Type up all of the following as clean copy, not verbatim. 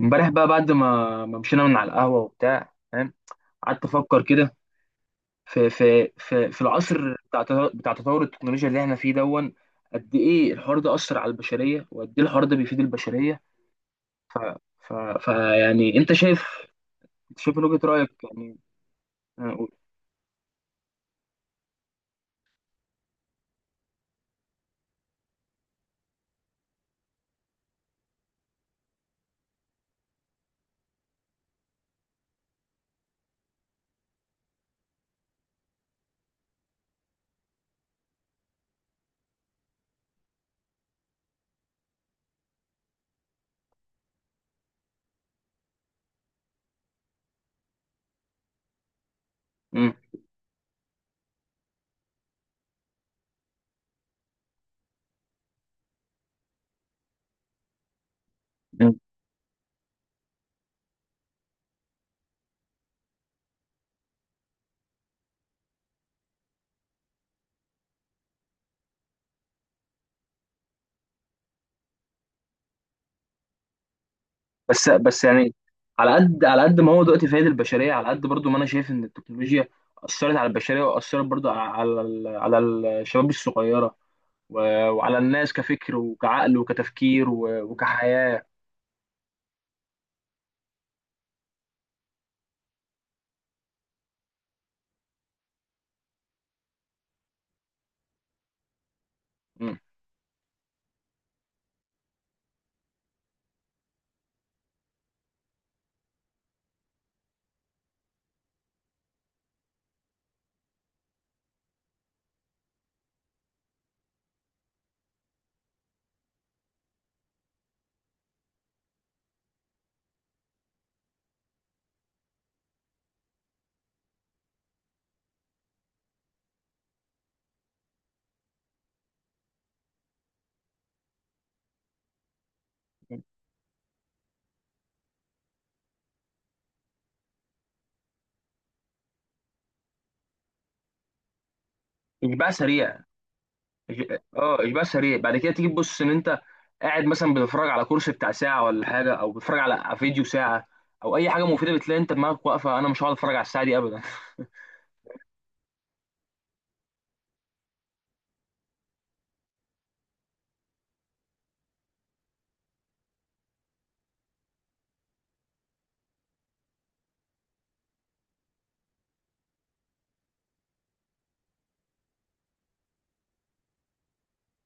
امبارح بقى، بعد ما مشينا من على القهوة وبتاع، فاهم؟ قعدت افكر كده، في العصر بتاع تطور التكنولوجيا اللي احنا فيه دون. قد ايه الحوار ده أثر على البشرية؟ وقد ايه الحوار ده بيفيد البشرية؟ ف ف ف يعني انت شايف من وجهة رأيك يعني. أنا أقول- مم. مم. بس يعني، على قد ما هو دلوقتي فايد البشرية، على قد برضو ما انا شايف ان التكنولوجيا أثرت على البشرية، وأثرت برضو على الشباب الصغيرة، و- وعلى الناس كفكر وكعقل وكتفكير و- وكحياة. مم. إشباع سريع. إشباع سريع، بعد كده تيجي تبص إن أنت قاعد مثلا بتتفرج على كورس بتاع ساعة ولا حاجة، أو بتتفرج على فيديو ساعة أو أي حاجة مفيدة، بتلاقي أنت دماغك واقفة، أنا مش هقعد أتفرج على الساعة دي أبدا.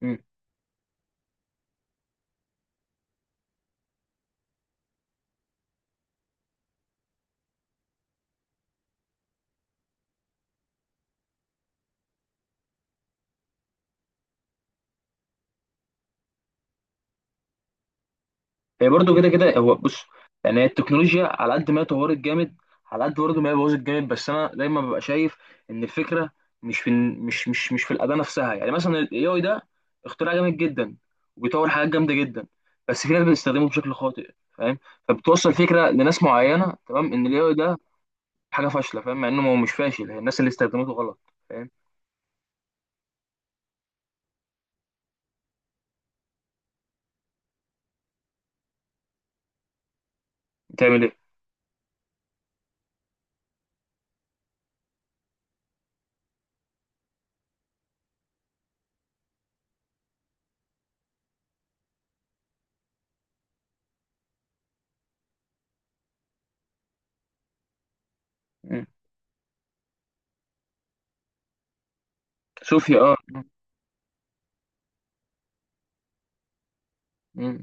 هي برضه كده كده. هو بص، يعني هي التكنولوجيا على قد ما هي طورت جامد، على قد برضه ما هي بوظت جامد. بس انا دايما ببقى شايف ان الفكره مش في مش في الاداه نفسها. يعني مثلا الاي اي ده اختراع جامد جدا، وبيطور حاجات جامده جدا، بس في ناس بتستخدمه بشكل خاطئ، فاهم؟ فبتوصل فكره لناس معينه، تمام، ان الاي اي ده حاجه فاشله، فاهم؟ مع انه هو مش فاشل، هي الناس اللي استخدمته غلط، فاهم؟ بتعمل ايه؟ مم. صوفيا، اه. مم.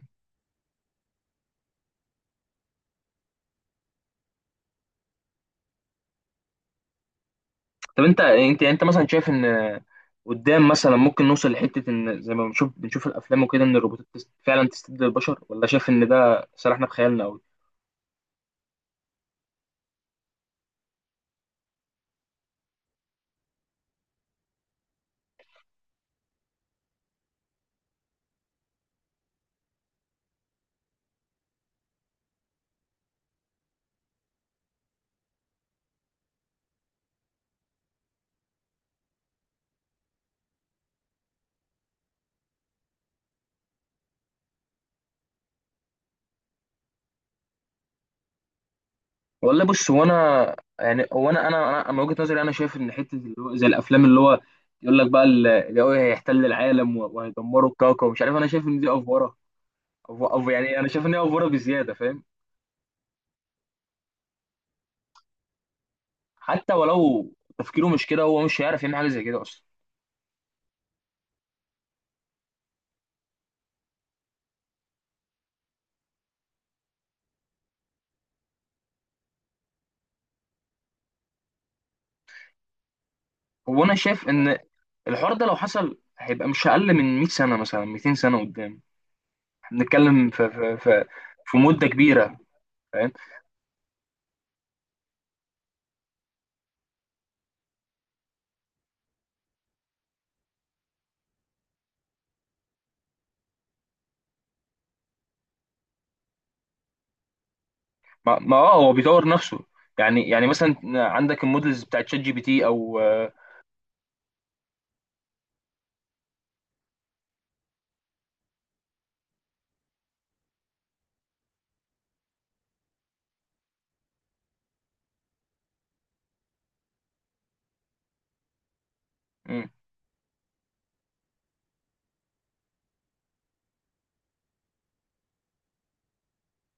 طب انت يعني انت مثلا شايف ان قدام مثلا ممكن نوصل لحته، ان زي ما بنشوف الافلام وكده، ان الروبوتات فعلا تستبدل البشر؟ ولا شايف ان ده سرحنا في خيالنا قوي؟ والله بص، هو انا يعني هو انا انا انا من وجهه نظري، انا شايف ان حته اللي هو زي الافلام، اللي هو يقول لك بقى اللي هو هيحتل العالم و- وهيدمروا الكوكب ومش عارف، انا شايف ان دي افوره. يعني انا شايف ان هي افوره بزياده، فاهم؟ حتى ولو. تفكيره مش كده، هو مش هيعرف يعمل حاجه زي كده اصلا. هو انا شايف ان الحوار ده لو حصل هيبقى مش اقل من 100 سنه، مثلا 200 سنه قدام. احنا بنتكلم في مده كبيره، فاهم؟ ما, ما اه هو بيطور نفسه. يعني مثلا عندك المودلز بتاعت شات جي بي تي او مم.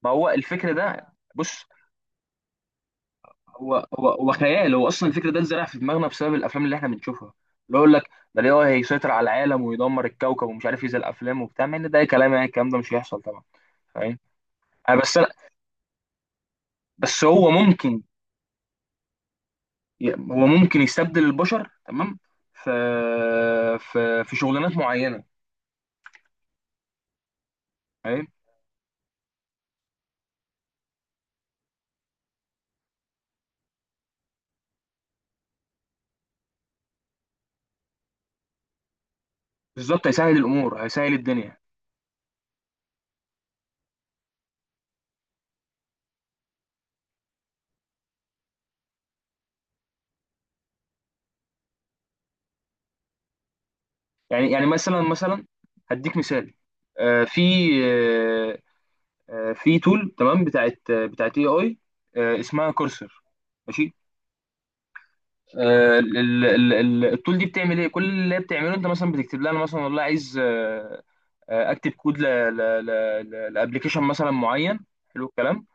ما هو الفكر ده، بص، هو خيال. هو اصلا الفكر ده اتزرع في دماغنا بسبب الافلام اللي احنا بنشوفها، اللي هو يقول لك ده ليه هو هيسيطر على العالم ويدمر الكوكب ومش عارف ايه، زي الافلام وبتاع، مع ان ده أي كلام. يعني الكلام ده مش هيحصل طبعا، فاهم؟ آه، بس أنا- بس هو ممكن، هو ممكن يستبدل البشر، تمام، في في شغلانات معينه، فاهم؟ بالظبط، هيسهل الامور، هيسهل الدنيا. يعني مثلا هديك مثال. آه، في آه، في تول، تمام، بتاعت بتاعت اي اي، اسمها كورسر، ماشي. آه، ال- التول دي بتعمل ايه؟ كل اللي هي بتعمله، انت مثلا بتكتب لها أنا مثلا والله عايز اكتب كود لابلكيشن مثلا معين، حلو الكلام،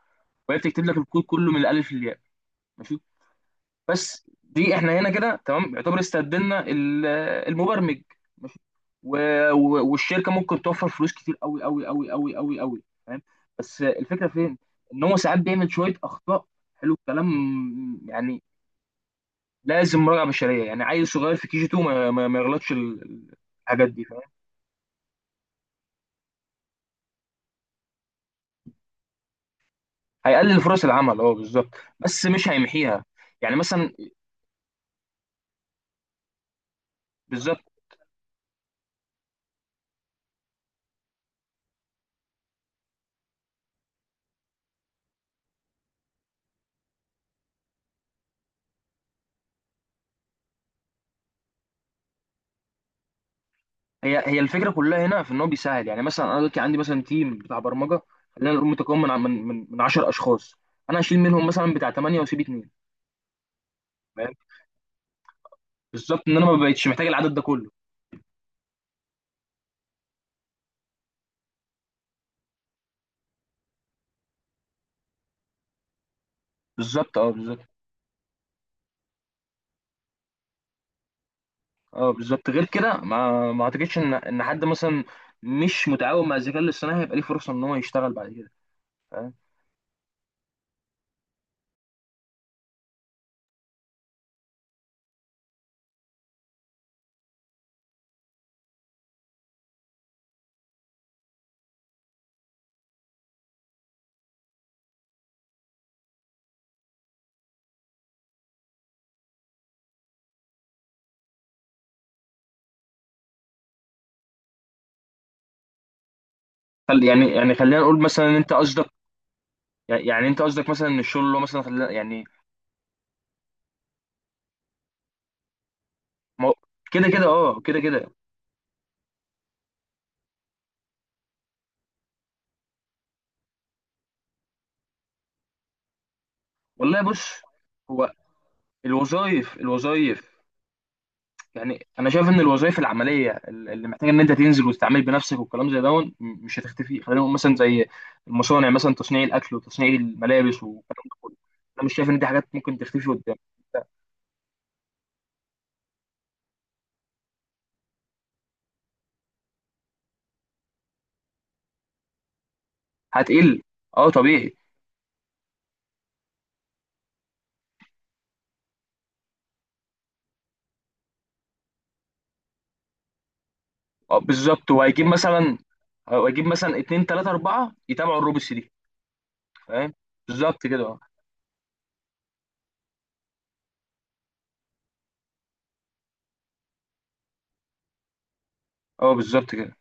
وهي بتكتب لك الكود كله من الالف للياء، ماشي. بس دي احنا هنا كده تمام يعتبر استبدلنا المبرمج، ماشي، والشركه ممكن توفر فلوس كتير قوي قوي قوي قوي قوي قوي، فاهم؟ بس الفكره فين؟ ان هو ساعات بيعمل شويه اخطاء، حلو الكلام، يعني لازم مراجعه بشريه، يعني عيل صغير في كي جي 2 ما يغلطش الحاجات دي، فاهم؟ هيقلل فرص العمل، اه بالظبط، بس مش هيمحيها، يعني مثلا. بالظبط، هي الفكره كلها هنا في ان هو بيساعد. يعني مثلا انا دلوقتي عندي مثلا تيم بتاع برمجه، خلينا نقول متكون من 10 اشخاص، انا هشيل منهم مثلا بتاع 8 واسيب 2، فاهم؟ بالظبط، ان انا ما بقتش محتاج العدد ده كله، بالظبط اه، بالظبط اه، بالظبط. غير كده ما اعتقدش ان حد مثلا مش متعاون مع الذكاء الاصطناعي هيبقى ليه فرصه ان هو يشتغل بعد كده، فاهم؟ يعني خلينا نقول مثلا إن انت قصدك، يعني انت قصدك مثلا ان الشغل اللي هو مثلا خلينا يعني، ما هو- كده كده، اه، كده كده. والله بص، هو الوظائف، يعني انا شايف ان الوظائف العمليه اللي محتاجه ان انت تنزل وتتعامل بنفسك والكلام زي ده مش هتختفي، خلينا نقول مثلا زي المصانع مثلا، تصنيع الاكل وتصنيع الملابس والكلام ده كله، انا مش شايف ان دي حاجات ممكن تختفي قدام. هتقل، اه طبيعي، اه بالظبط، وهيجيب مثلا آه، هيجيب مثلا اتنين تلاته اربعه يتابعوا الروبس دي، فاهم؟ بالظبط كده، اه، اه بالظبط كده،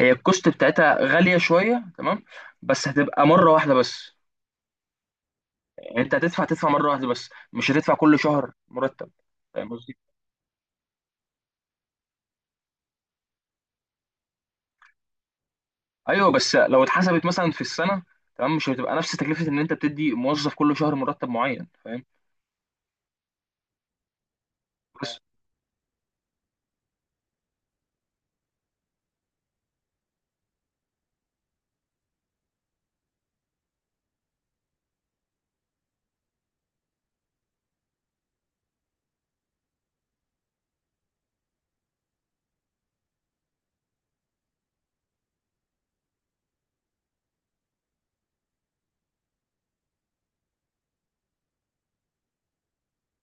هي الكوست بتاعتها غاليه شويه، تمام، بس هتبقى مره واحده بس. يعني انت هتدفع مره واحده بس، مش هتدفع كل شهر مرتب، فاهم قصدي؟ ايوه، بس لو اتحسبت مثلا في السنه، تمام، مش هتبقى نفس تكلفه ان انت بتدي موظف كل شهر مرتب معين، فاهم؟ بس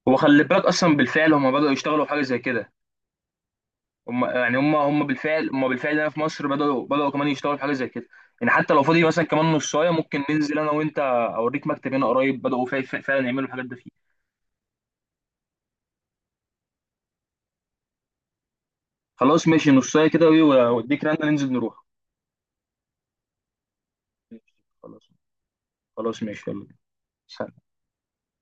هو خلي بالك اصلا بالفعل هم بداوا يشتغلوا في حاجه زي كده. يعني هم بالفعل هنا في مصر بداوا بداوا كمان يشتغلوا في حاجه زي كده. يعني حتى لو فاضي مثلا كمان نصايه ممكن ننزل انا وانت، اوريك مكتب هنا قريب بداوا فعلا يعملوا الحاجات دي فيه. خلاص، ماشي، نصايه كده، وايه؟ واديك رنه ننزل نروح. خلاص، خلاص ماشي، يلا بينا. سلام.